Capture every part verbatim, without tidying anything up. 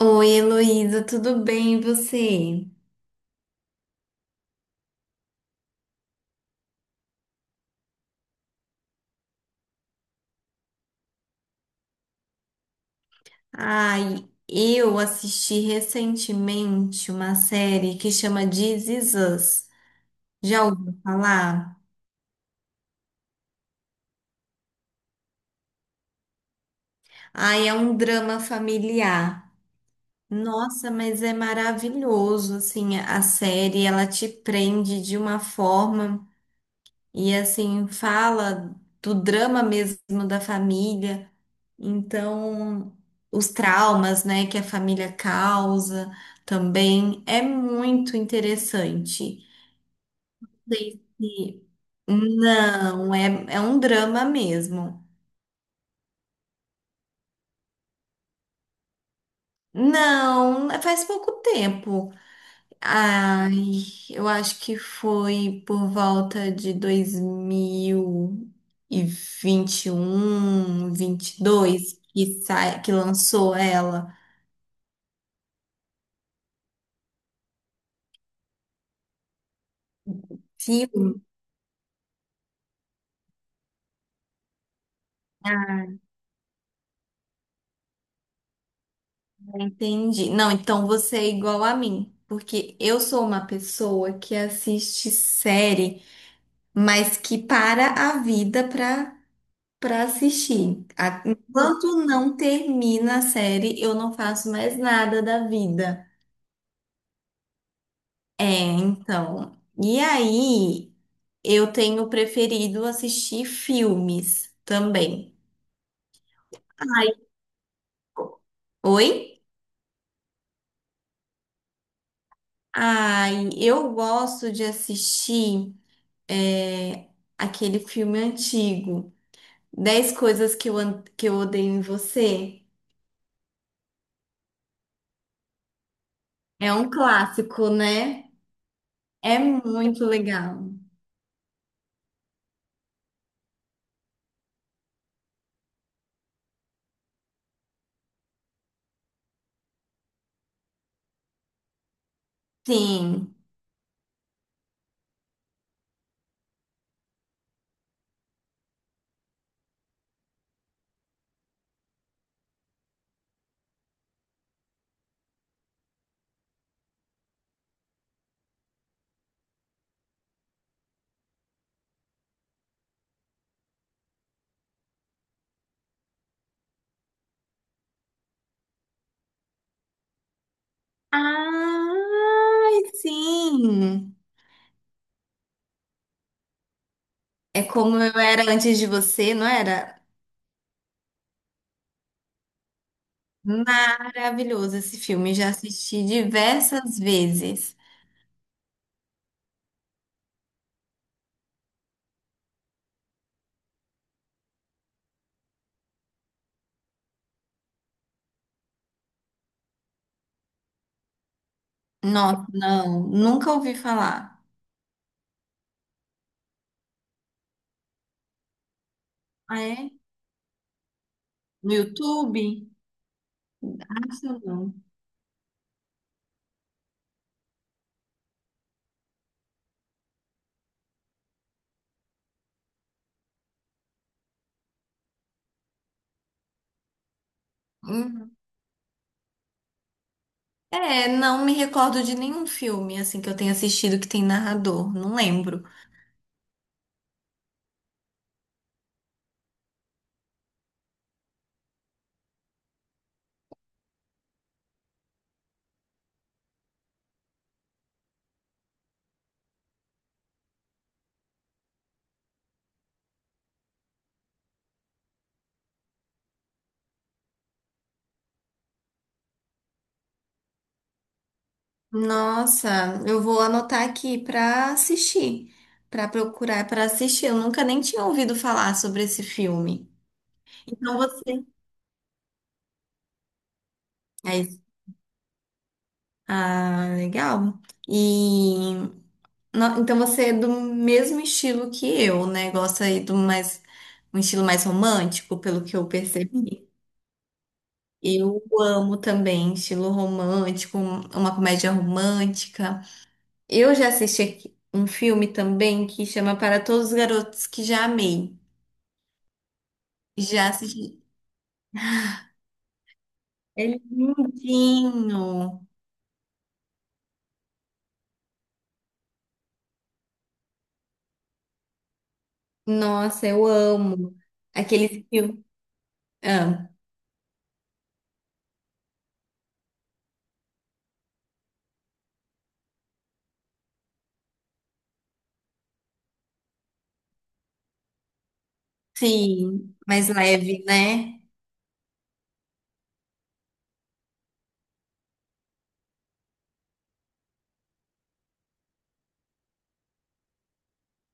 Oi, Heloísa, tudo bem e você? Ai, eu assisti recentemente uma série que chama This Is Us. Já ouviu falar? Ai, é um drama familiar. Nossa, mas é maravilhoso, assim, a série, ela te prende de uma forma e, assim, fala do drama mesmo da família. Então, os traumas, né, que a família causa também é muito interessante. Sei se- Não, é, é um drama mesmo. Não, é, faz pouco tempo. Ai, eu acho que foi por volta de um dois mil e vinte e um, dois que sai, que lançou ela. Entendi. Não, então você é igual a mim, porque eu sou uma pessoa que assiste série, mas que para a vida para para assistir. A- Enquanto não termina a série, eu não faço mais nada da vida. É, então. E aí, eu tenho preferido assistir filmes também. Oi? Ai, eu gosto de assistir é, aquele filme antigo. Dez coisas que eu, an- que eu odeio em você. É um clássico, né? É muito legal. Sim. Ai, sim. É como eu era antes de você, não era? Maravilhoso esse filme. Já assisti diversas vezes. Nossa, não, nunca ouvi falar. Ah, é? No YouTube? Acho não. Hum. É, não me recordo de nenhum filme assim que eu tenha assistido que tem narrador. Não lembro. Nossa, eu vou anotar aqui para assistir, para procurar para assistir. Eu nunca nem tinha ouvido falar sobre esse filme. Então você. É isso. Ah, legal. E no- então você é do mesmo estilo que eu, né? Gosta aí do mais um estilo mais romântico, pelo que eu percebi. Eu amo também estilo romântico, um- uma comédia romântica. Eu já assisti aqui um filme também que chama Para Todos os Garotos que Já Amei. Já assisti. É lindinho. Nossa, eu amo. Aqueles filmes. Ah, sim, mais leve, né?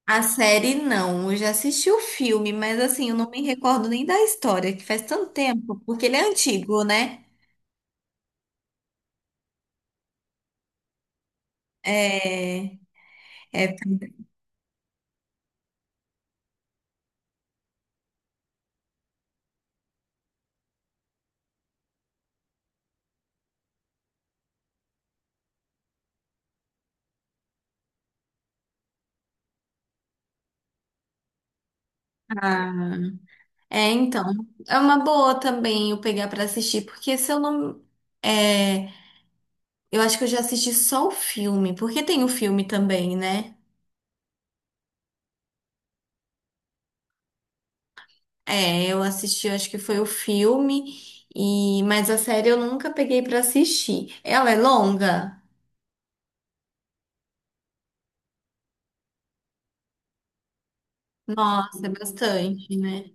A série não. Eu já assisti o filme, mas assim, eu não me recordo nem da história, que faz tanto tempo, porque ele é antigo, né? É, é, ah, é, então. É uma boa também eu pegar pra assistir, porque se eu não. É, eu acho que eu já assisti só o filme, porque tem o filme também, né? É, eu assisti, acho que foi o filme, e mas a série eu nunca peguei pra assistir. Ela é longa? Nossa, é bastante, né?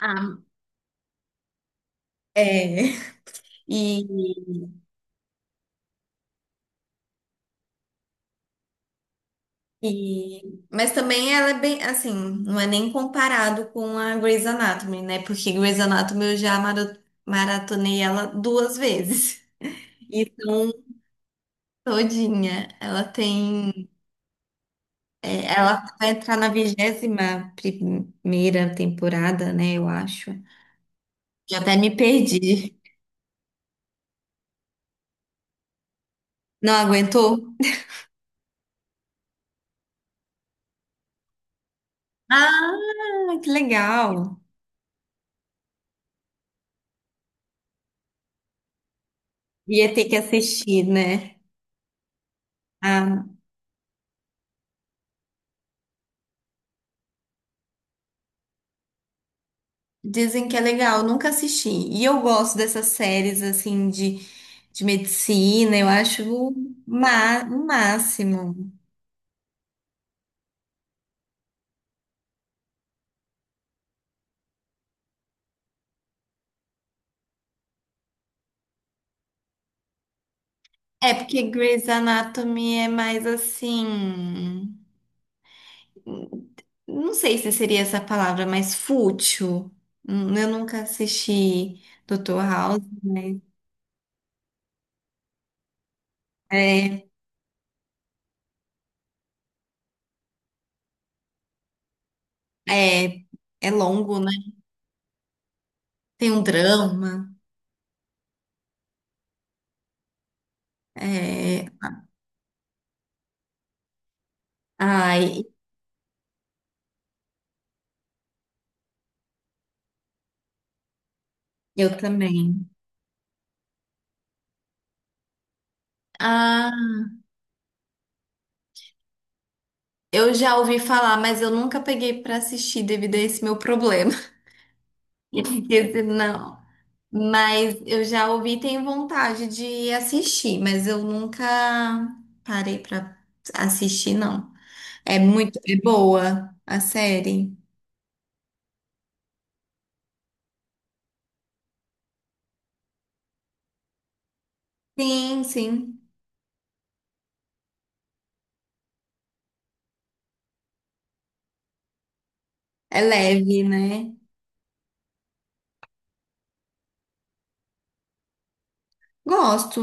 Ah, é. E, e- mas também ela é bem, assim, não é nem comparado com a Grey's Anatomy, né? Porque Grey's Anatomy eu já maro- maratonei ela duas vezes. Então, todinha, ela tem, é, ela vai entrar na vigésima primeira temporada, né? Eu acho. Já até me perdi. Não aguentou? Ah, que legal. Ia ter que assistir, né? Ah, dizem que é legal, nunca assisti. E eu gosto dessas séries assim de, de medicina, eu acho o, ma- o máximo. É porque Grey's Anatomy é mais assim. Não sei se seria essa palavra, mas fútil. Hum, Eu nunca assisti doutor House, mas é, é, é longo, né? Tem um drama. É... Ai, eu também. Ah, eu já ouvi falar, mas eu nunca peguei pra assistir devido a esse meu problema. Esse não. Mas eu já ouvi e tenho vontade de assistir, mas eu nunca parei pra assistir, não. É muito, é boa a série. Sim, sim. É leve, né? Gosto.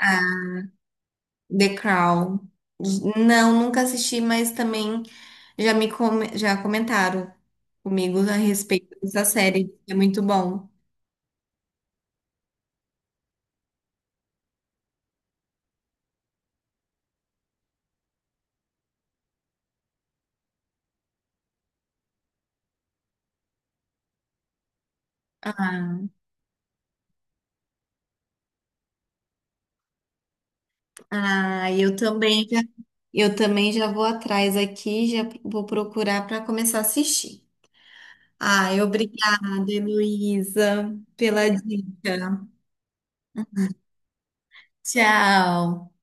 Ah, The Crown. Não, nunca assisti, mas também Já me come- já comentaram comigo a respeito dessa série. É muito bom. Ah, ah, eu também já, eu também já vou atrás aqui, já vou procurar para começar a assistir. Ah, obrigada, Heloísa, pela dica. Tchau.